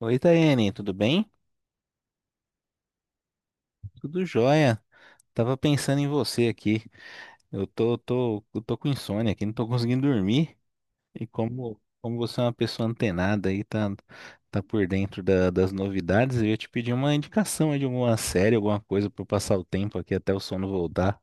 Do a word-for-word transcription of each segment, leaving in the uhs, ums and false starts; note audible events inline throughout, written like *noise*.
Oi, Taiane, tudo bem? Tudo jóia. Tava pensando em você aqui. Eu tô, tô, eu tô com insônia aqui, não tô conseguindo dormir. E como, como você é uma pessoa antenada aí, tá, tá por dentro da- das novidades, eu ia te pedir uma indicação aí de alguma série, alguma coisa pra eu passar o tempo aqui até o sono voltar.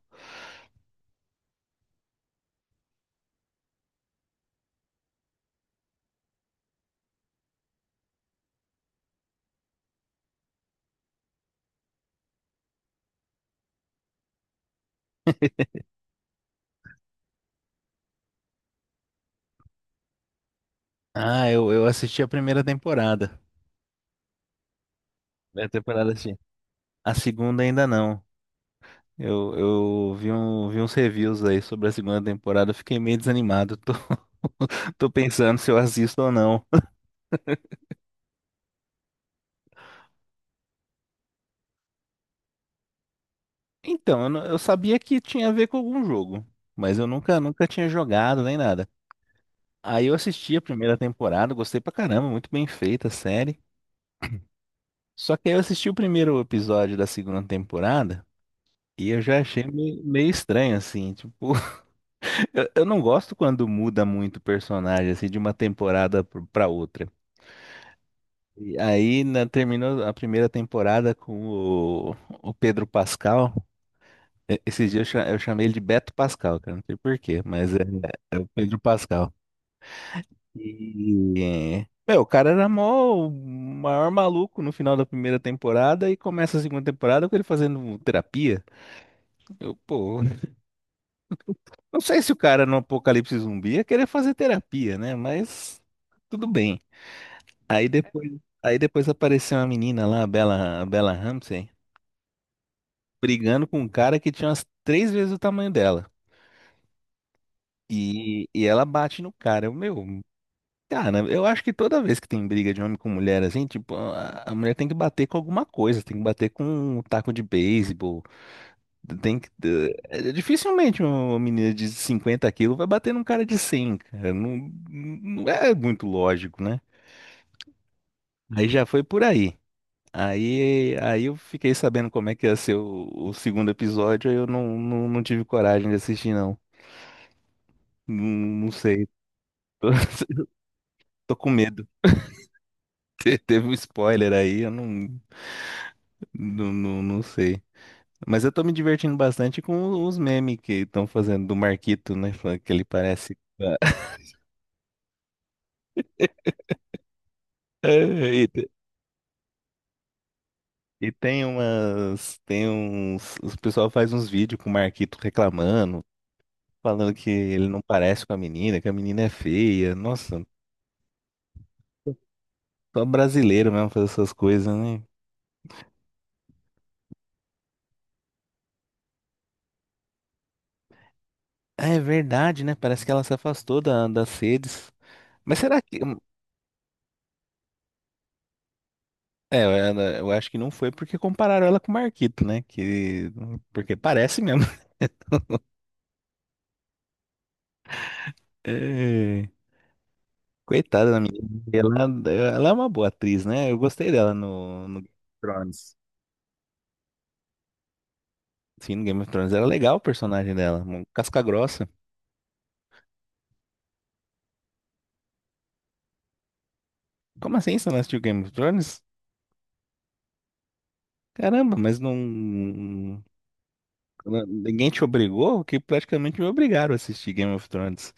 Ah, eu, eu assisti a primeira temporada. Primeira temporada, sim. A segunda ainda não. Eu, eu vi, um, vi uns reviews aí sobre a segunda temporada, eu fiquei meio desanimado. Tô, *laughs* tô pensando se eu assisto ou não. Então, eu, não- eu sabia que tinha a ver com algum jogo, mas eu nunca, nunca tinha jogado nem nada. Aí eu assisti a primeira temporada, gostei pra caramba, muito bem feita a série. Só que aí eu assisti o primeiro episódio da segunda temporada e eu já achei meio, meio estranho, assim, tipo, *laughs* eu, eu não gosto quando muda muito o personagem, assim, de uma temporada pro- pra outra. E aí na- terminou a primeira temporada com o, o Pedro Pascal. E- Esse dia eu, cha- eu chamei ele de Beto Pascal, cara. Não sei por quê, mas é, é o Pedro Pascal. E, meu, o cara era mó, o maior maluco no final da primeira temporada e começa a segunda temporada com ele fazendo terapia. Eu, pô, não sei se o cara no Apocalipse Zumbi ia querer fazer terapia, né? Mas tudo bem. Aí depois, aí depois apareceu uma menina lá, a Bella, a Bella Ramsey, brigando com um cara que tinha umas três vezes o tamanho dela. E, e ela bate no cara. Eu, meu, cara, eu acho que toda vez que tem briga de homem com mulher, assim, tipo, a, a mulher tem que bater com alguma coisa, tem que bater com um taco de beisebol, tem que... eh, eh, dificilmente uma menina de cinquenta quilos vai bater num cara de cem, cara. Não, não é muito lógico, né? Aí já foi por aí. Aí, aí eu fiquei sabendo como é que ia ser o, o segundo episódio, aí eu não, não, não tive coragem de assistir, não. Não, não sei. Tô, *laughs* tô com medo. Te- Teve um spoiler aí, eu não, não, não, não sei. Mas eu tô me divertindo bastante com os memes que estão fazendo do Marquito, né? Falando que ele parece. *laughs* E, te- e tem umas. Tem uns. O pessoal faz uns vídeos com o Marquito reclamando, falando que ele não parece com a menina, que a menina é feia. Nossa, só brasileiro mesmo fazer essas coisas, né? Ah, é verdade, né? Parece que ela se afastou da, das redes. Mas será que. É, ela- eu acho que não foi porque compararam ela com o Marquito, né? Que, porque parece mesmo. *laughs* É, coitada da menina. Ela, ela é uma boa atriz, né? Eu gostei dela no, no Game of Thrones. Sim, no Game of Thrones era legal o personagem dela, uma casca grossa. Como assim você não assistiu Game of Thrones? Caramba, mas não. Ninguém te obrigou, que praticamente me obrigaram a assistir Game of Thrones.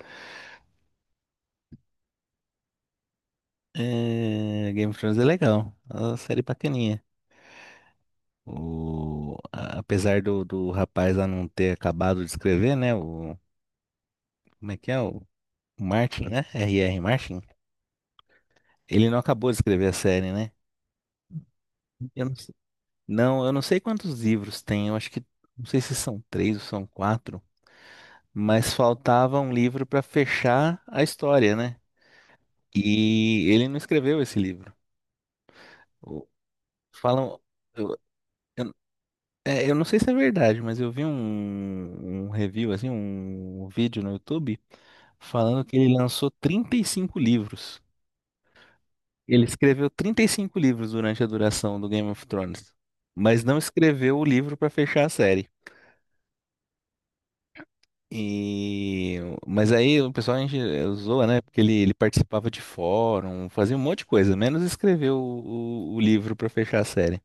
É, Game of Thrones é legal, é uma série bacaninha. O, a- apesar do, do rapaz lá não ter acabado de escrever, né? O, como é que é? O Martin, né? R R Martin. Ele não acabou de escrever a série, né? Eu não, sei- não, eu não sei quantos livros tem. Eu acho que, não sei se são três ou são quatro, mas faltava um livro para fechar a história, né? E ele não escreveu esse livro. O- Falam, eu, eu é, eu não sei se é verdade, mas eu vi um, um review, assim, um vídeo no YouTube falando que ele lançou trinta e cinco livros. Ele escreveu trinta e cinco livros durante a duração do Game of Thrones, mas não escreveu o livro para fechar a série. E mas aí o pessoal a gente eh, zoa, né? Porque ele, ele participava de fórum, fazia um monte de coisa, menos escrever o, o, o livro para fechar a série.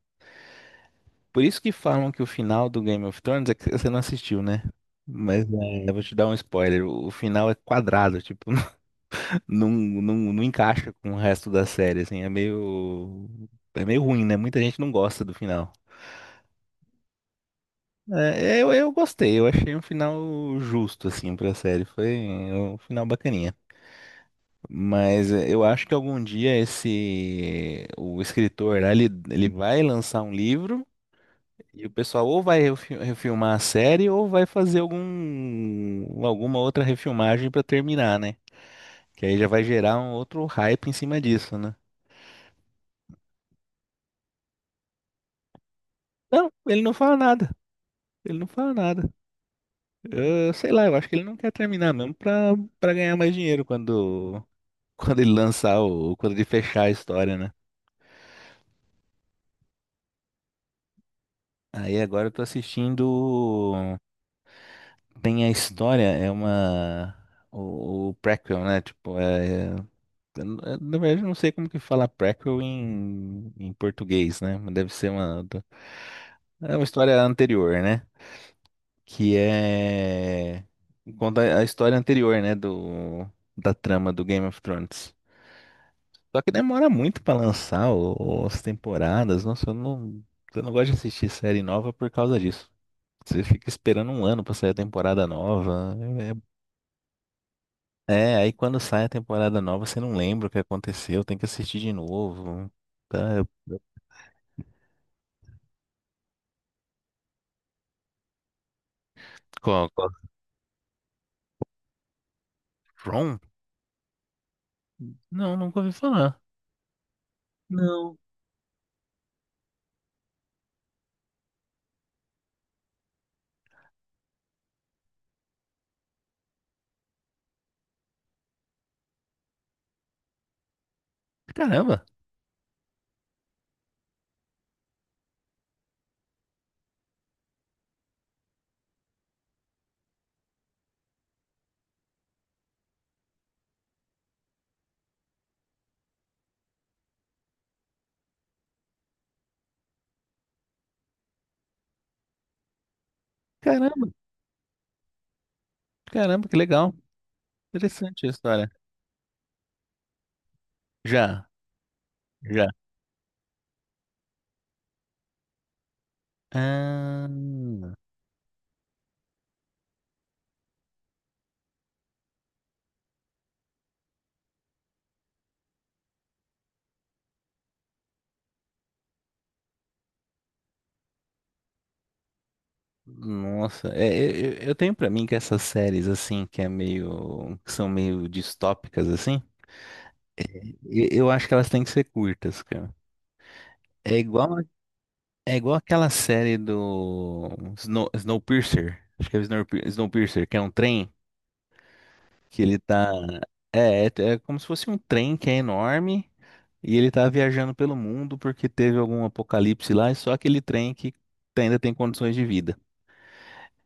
Por isso que falam que o final do Game of Thrones é que você não assistiu, né? Mas é, eu vou te dar um spoiler. O o final é quadrado, tipo, *laughs* não, não, não encaixa com o resto da série, assim, é meio é meio ruim, né? Muita gente não gosta do final. É, eu, eu gostei, eu achei um final justo, assim, pra série. Foi um final bacaninha. Mas é, eu acho que algum dia esse o escritor, né, ele, ele vai lançar um livro. E o pessoal ou vai refi- refilmar a série ou vai fazer algum, alguma outra refilmagem pra terminar, né? Que aí já vai gerar um outro hype em cima disso, né? Não, ele não fala nada. Ele não fala nada. Eu, sei lá, eu acho que ele não quer terminar mesmo pra, pra ganhar mais dinheiro quando, *laughs* quando ele lançar o, quando ele fechar a história, né? Aí agora eu tô assistindo. Tem a história, é uma. O, o prequel, né? Tipo, é. É Eu n- eu, na verdade, eu não sei como que fala prequel em, em português, né? Mas deve ser uma, do- é uma história anterior, né? Que é. Conta a história anterior, né? Do, da trama do Game of Thrones. Só que demora muito pra lançar o- as temporadas. Nossa, eu não, eu não gosto de assistir série nova por causa disso. Você fica esperando um ano pra sair a temporada nova. É, é é, aí quando sai a temporada nova, você não lembra o que aconteceu, tem que assistir de novo. Tá? Eu- eu- Co- co- From? Não, nunca ouvi falar. Não. Caramba, caramba, caramba, que legal. Interessante a história. Já, já. Ah, nossa, é, eu, eu eu tenho pra mim que essas séries assim, que é meio, que são meio distópicas assim, e- eu acho que elas têm que ser curtas, cara. É igual é igual aquela série do Snow, Snowpiercer, acho que é Snowpiercer, Snowpiercer, que é um trem que ele tá. É, é, é como se fosse um trem que é enorme e ele tá viajando pelo mundo porque teve algum apocalipse lá e só aquele trem que tá, ainda tem condições de vida.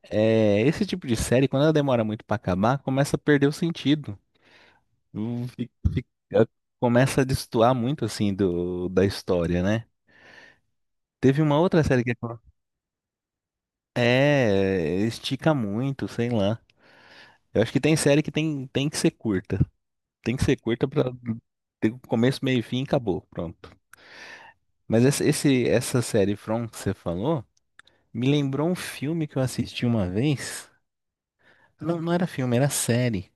É, esse tipo de série, quando ela demora muito pra acabar, começa a perder o sentido. Hum, fi- fi- ela começa a destoar muito assim do, da história, né? Teve uma outra série que é, estica muito, sei lá. Eu acho que tem série que tem, tem que ser curta. Tem que ser curta pra ter o começo, meio e fim e acabou. Pronto. Mas essa- esse, essa série From que você falou me lembrou um filme que eu assisti uma vez. Não, não era filme, era série.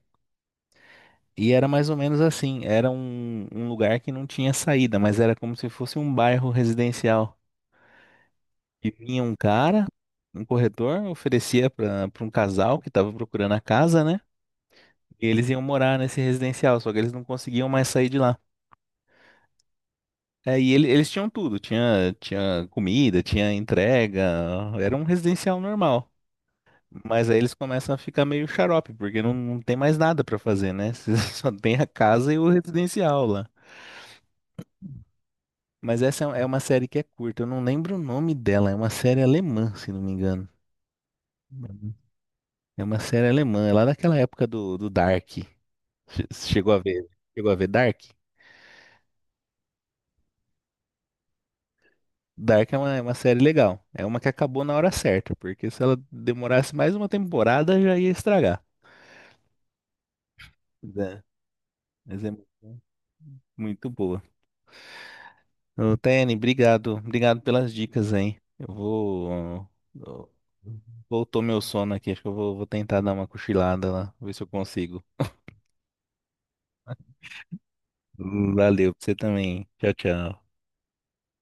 E era mais ou menos assim. Era um, um lugar que não tinha saída, mas era como se fosse um bairro residencial. E vinha um cara, um corretor, oferecia pra pra um casal que tava procurando a casa, né? E eles iam morar nesse residencial, só que eles não conseguiam mais sair de lá. É, e ele- eles tinham tudo, tinha, tinha comida, tinha entrega, era um residencial normal. Mas aí eles começam a ficar meio xarope, porque não, não tem mais nada pra fazer, né? *laughs* Você só tem a casa e o residencial lá. Mas essa é é uma série que é curta, eu não lembro o nome dela, é uma série alemã, se não me engano. Uhum. É uma série alemã, é lá daquela época do, do Dark. Che- Chegou a ver, chegou a ver Dark? Dark é uma, é uma série legal. É uma que acabou na hora certa, porque se ela demorasse mais uma temporada já ia estragar. É, mas é muito muito boa. Ô, Tene, obrigado. Obrigado pelas dicas, hein? Eu vou. Ó, voltou meu sono aqui. Acho que eu vou, vou tentar dar uma cochilada lá, ver se eu consigo. Valeu pra você também. Tchau, tchau.